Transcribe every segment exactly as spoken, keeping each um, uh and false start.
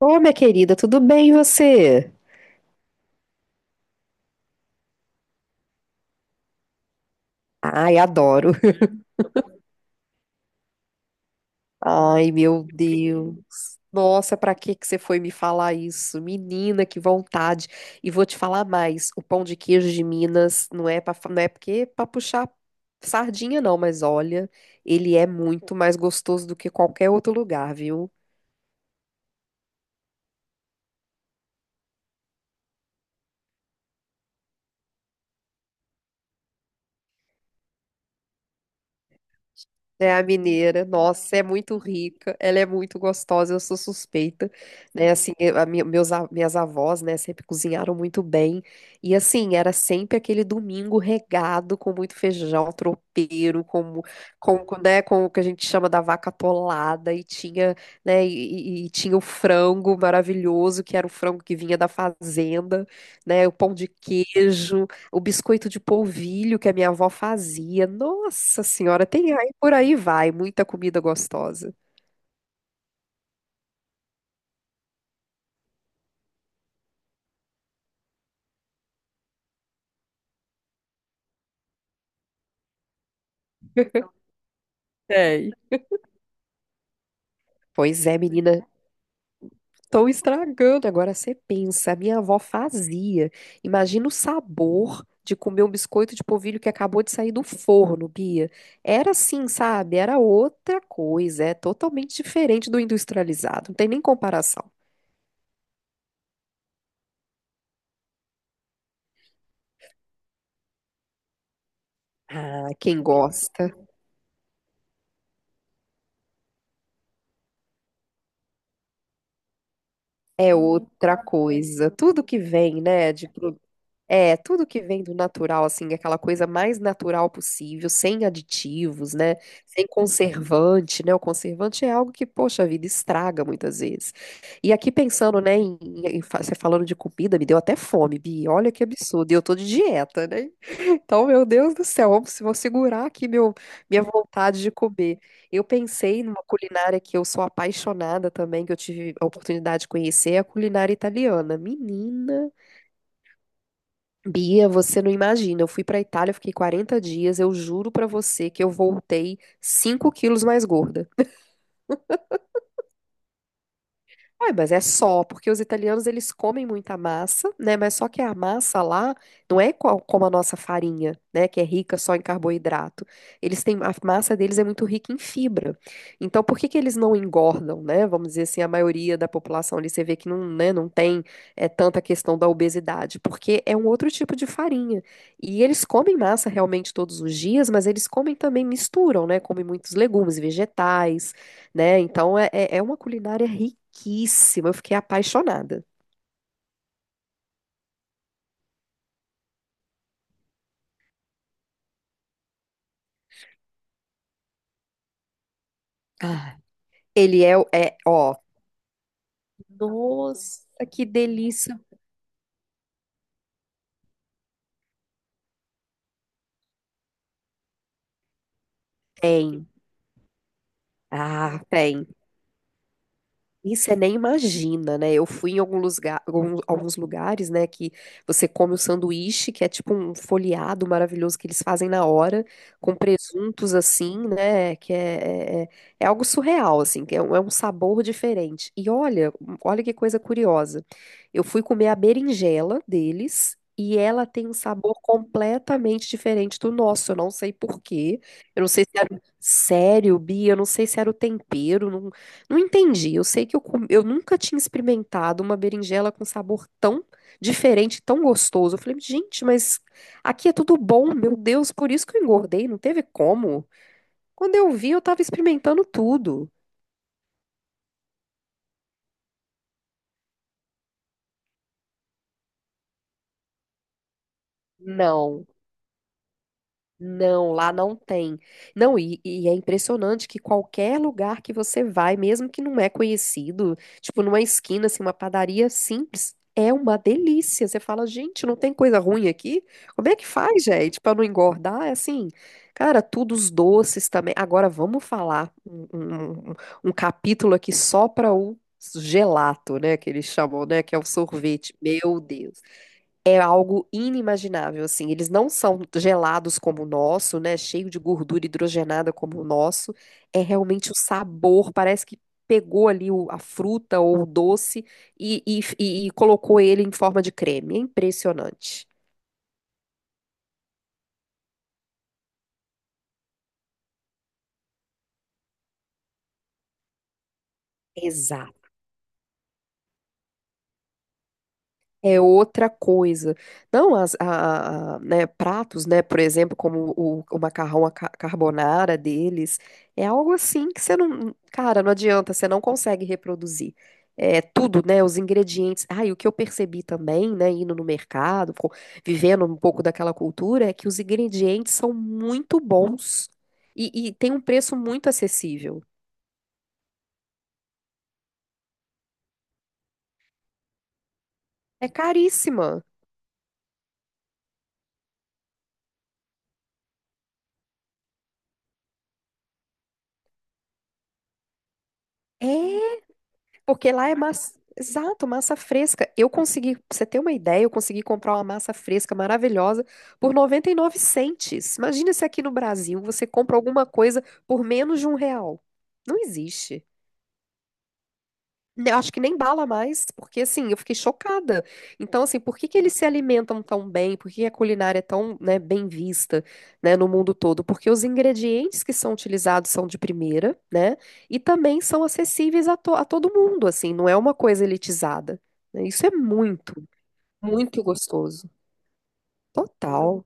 Ô, minha querida, tudo bem e você? Ai, adoro. Ai, meu Deus. Nossa, pra que que você foi me falar isso? Menina, que vontade. E vou te falar mais, o pão de queijo de Minas não é para não é porque para puxar sardinha não, mas olha, ele é muito mais gostoso do que qualquer outro lugar, viu? É a mineira, nossa, é muito rica, ela é muito gostosa, eu sou suspeita, né? Assim, eu- a minha- meus, a- minhas avós, né, sempre cozinharam muito bem. E assim, era sempre aquele domingo regado com muito feijão tropeiro, com, com, com, né, com o que a gente chama da vaca atolada, e tinha, né, e, e- e tinha o frango maravilhoso, que era o frango que vinha da fazenda, né, o pão de queijo. O biscoito de polvilho que a minha avó fazia. Nossa senhora, tem aí por aí vai, muita comida gostosa. Sei. Pois é, menina, estão estragando. Agora você pensa, a minha avó fazia. Imagina o sabor de comer um biscoito de polvilho que acabou de sair do forno, Bia. Era assim, sabe? Era outra coisa, é totalmente diferente do industrializado. Não tem nem comparação. Ah, quem gosta é outra coisa. Tudo que vem, né, de, pro- É, tudo que vem do natural, assim, aquela coisa mais natural possível, sem aditivos, né? Sem conservante, né? O conservante é algo que, poxa vida, estraga muitas vezes. E aqui pensando, né, em, em fa- você falando de comida, me deu até fome, Bi. Olha que absurdo. E eu tô de dieta, né? Então, meu Deus do céu, vamos- vou segurar aqui meu, minha vontade de comer. Eu pensei numa culinária que eu sou apaixonada também, que eu tive a oportunidade de conhecer, é a culinária italiana. Menina. Bia, você não imagina. Eu fui para Itália, eu fiquei quarenta dias. Eu juro para você que eu voltei cinco quilos mais gorda. Ai, mas é só, porque os italianos eles comem muita massa, né? Mas só que a massa lá não é qual- como a nossa farinha, né? Que é rica só em carboidrato. Eles têm, a massa deles é muito rica em fibra. Então, por que que eles não engordam, né? Vamos dizer assim, a maioria da população ali, você vê que não, né, não tem é, tanta questão da obesidade, porque é um outro tipo de farinha. E eles comem massa realmente todos os dias, mas eles comem também, misturam, né? Comem muitos legumes, vegetais né? Então é, é é uma culinária riquíssima. Eu fiquei apaixonada. Ah, Ele é, o- é, ó, nossa, que delícia. Tem. Ah, tem. E você nem imagina, né? Eu fui em alguns lusga- algum- alguns lugares, né, que você come o sanduíche, que é tipo um folheado maravilhoso que eles fazem na hora, com presuntos assim, né? Que é, é, é é algo surreal, assim, que é um, é um sabor diferente. E olha, olha que coisa curiosa. Eu fui comer a berinjela deles. E ela tem um sabor completamente diferente do nosso. Eu não sei por quê. Eu não sei se era. Sério, Bia, eu não sei se era o tempero. Não, não entendi. Eu sei que eu, com- eu nunca tinha experimentado uma berinjela com sabor tão diferente, tão gostoso. Eu falei, gente, mas aqui é tudo bom, meu Deus, por isso que eu engordei, não teve como. Quando eu vi, eu tava experimentando tudo. Não. Não, lá não tem. Não, e, e é impressionante que qualquer lugar que você vai, mesmo que não é conhecido, tipo numa esquina, assim, uma padaria simples, é uma delícia. Você fala, gente, não tem coisa ruim aqui? Como é que faz, gente, para não engordar? É assim, cara, tudo os doces também. Agora vamos falar um, um- um- um capítulo aqui só para o gelato, né, que eles chamam, né, que é o sorvete. Meu Deus. É algo inimaginável, assim. Eles não são gelados como o nosso, né? Cheio de gordura hidrogenada como o nosso. É realmente o sabor, parece que pegou ali o- a fruta ou o doce e, e, e- e colocou ele em forma de creme. É impressionante. É outra coisa. Não, as, a, a- a, né, pratos, né, por exemplo, como o, o macarrão a ca- carbonara deles, é algo assim que você não, cara, não adianta, você não consegue reproduzir. É tudo, né, os ingredientes. Ah, e o que eu percebi também, né, indo no mercado, co- vivendo um pouco daquela cultura, é que os ingredientes são muito bons e, e tem um preço muito acessível. É caríssima. É. Porque lá é massa. Exato, massa fresca. Eu consegui, pra você ter uma ideia, eu consegui comprar uma massa fresca maravilhosa por noventa e nove centes. Imagina se aqui no Brasil você compra alguma coisa por menos de um real. Não existe. Ne- Acho que nem bala mais, porque assim, eu fiquei chocada. Então, assim, por que que eles se alimentam tão bem? Por que a culinária é tão, né, bem vista, né, no mundo todo? Porque os ingredientes que são utilizados são de primeira, né? E também são acessíveis a, to- a todo mundo, assim, não é uma coisa elitizada, né? Isso é muito, muito gostoso. Total.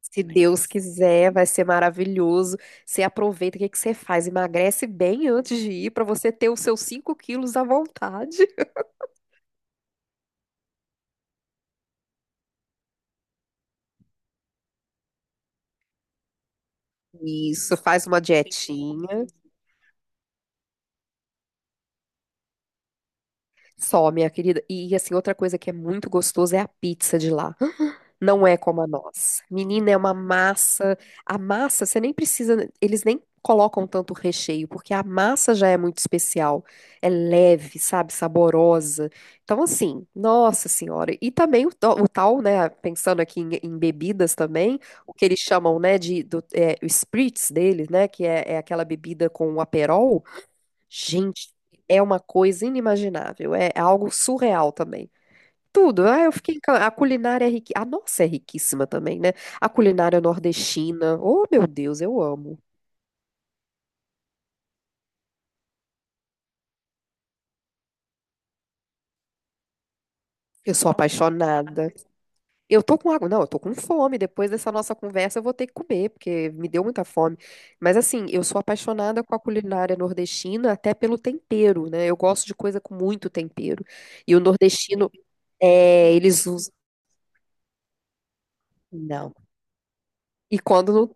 Se Deus quiser, vai ser maravilhoso. Você aproveita, o que que você faz? Emagrece bem antes de ir, para você ter os seus cinco quilos à vontade. Isso, faz uma dietinha. Só, minha querida. E assim, outra coisa que é muito gostosa é a pizza de lá. Não é como a nossa. Menina, é uma massa. A massa, você nem precisa. Eles nem colocam tanto recheio, porque a massa já é muito especial. É leve, sabe? Saborosa. Então, assim, nossa senhora. E também o, to- o tal, né? Pensando aqui em, em bebidas também, o que eles chamam, né? De, do, é, o spritz deles, né? Que é, é aquela bebida com o aperol. Gente, é uma coisa inimaginável, é é algo surreal também. Tudo, ah, eu fiquei, encan- a culinária é riquíssima, a nossa é riquíssima também, né? A culinária nordestina, oh meu Deus, eu amo. Eu sou apaixonada. Eu tô com água, não, eu tô com fome. Depois dessa nossa conversa, eu vou ter que comer, porque me deu muita fome. Mas assim, eu sou apaixonada com a culinária nordestina, até pelo tempero, né? Eu gosto de coisa com muito tempero. E o nordestino, é, eles usam. Não. E quando não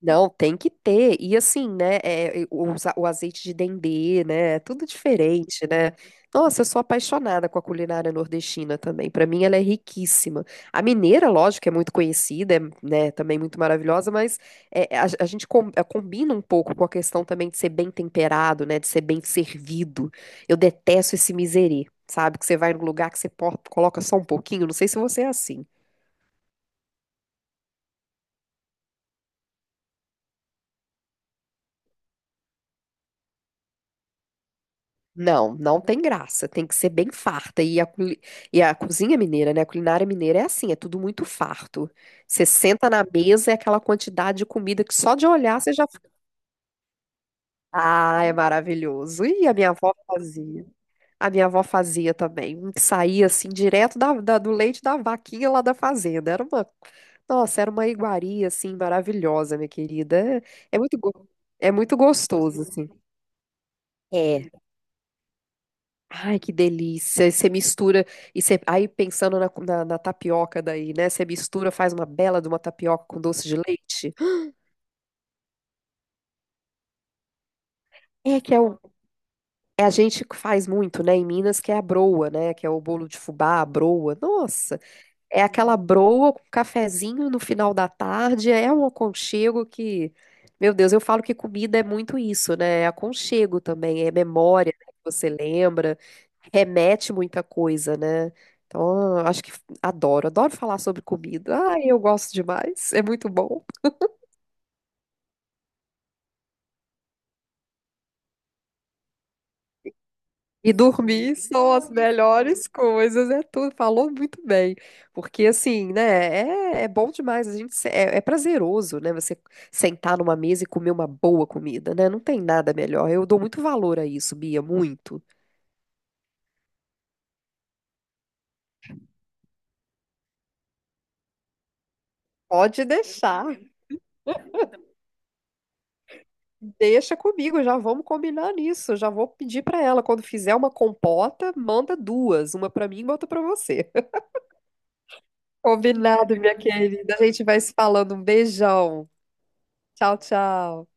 Não, tem que ter. E assim, né? é, o, o azeite de dendê, né? É tudo diferente, né? Nossa, eu sou apaixonada com a culinária nordestina também. Para mim, ela é riquíssima. A mineira, lógico, é muito conhecida, é, né? Também muito maravilhosa, mas é, é, a, a gente com- é, combina um pouco com a questão também de ser bem temperado, né? De ser bem servido. Eu detesto esse miserê, sabe? Que você vai num lugar que você po- coloca só um pouquinho. Não sei se você é assim. Não, não tem graça. Tem que ser bem farta. E a, culi- e a cozinha mineira, né? A culinária mineira é assim, é tudo muito farto. Você senta na mesa, é aquela quantidade de comida que só de olhar você já fica. Ah, é maravilhoso. E a minha avó fazia. A minha avó fazia também. Um que saía assim, direto da, da- do leite da vaquinha lá da fazenda. Era uma. Nossa, era uma iguaria assim, maravilhosa, minha querida. É, é muito, go- é muito gostoso, assim. Ai, que delícia. E você mistura, e você, aí pensando na, na, na tapioca daí, né? Você mistura, faz uma bela de uma tapioca com doce de leite. É que é, o, é a gente que faz muito, né? Em Minas, que é a broa, né? Que é o bolo de fubá, a broa. Nossa, é aquela broa com cafezinho no final da tarde. É um aconchego que, meu Deus, eu falo que comida é muito isso, né? É aconchego também, é memória, né, que você lembra. Remete muita coisa, né? Então, eu acho que adoro, adoro falar sobre comida. Ai, eu gosto demais, é muito bom. E dormir são as melhores coisas, é tudo. Falou muito bem. Porque, assim, né, é, é bom demais. A gente, se- é, é prazeroso, né? Você sentar numa mesa e comer uma boa comida, né? Não tem nada melhor. Eu dou muito valor a isso, Bia, muito. Pode deixar. Deixa comigo, já vamos combinar nisso. Já vou pedir pra ela quando fizer uma compota, manda duas, uma pra mim e outra pra você. Combinado, minha querida. A gente vai se falando. Um beijão. Tchau, tchau.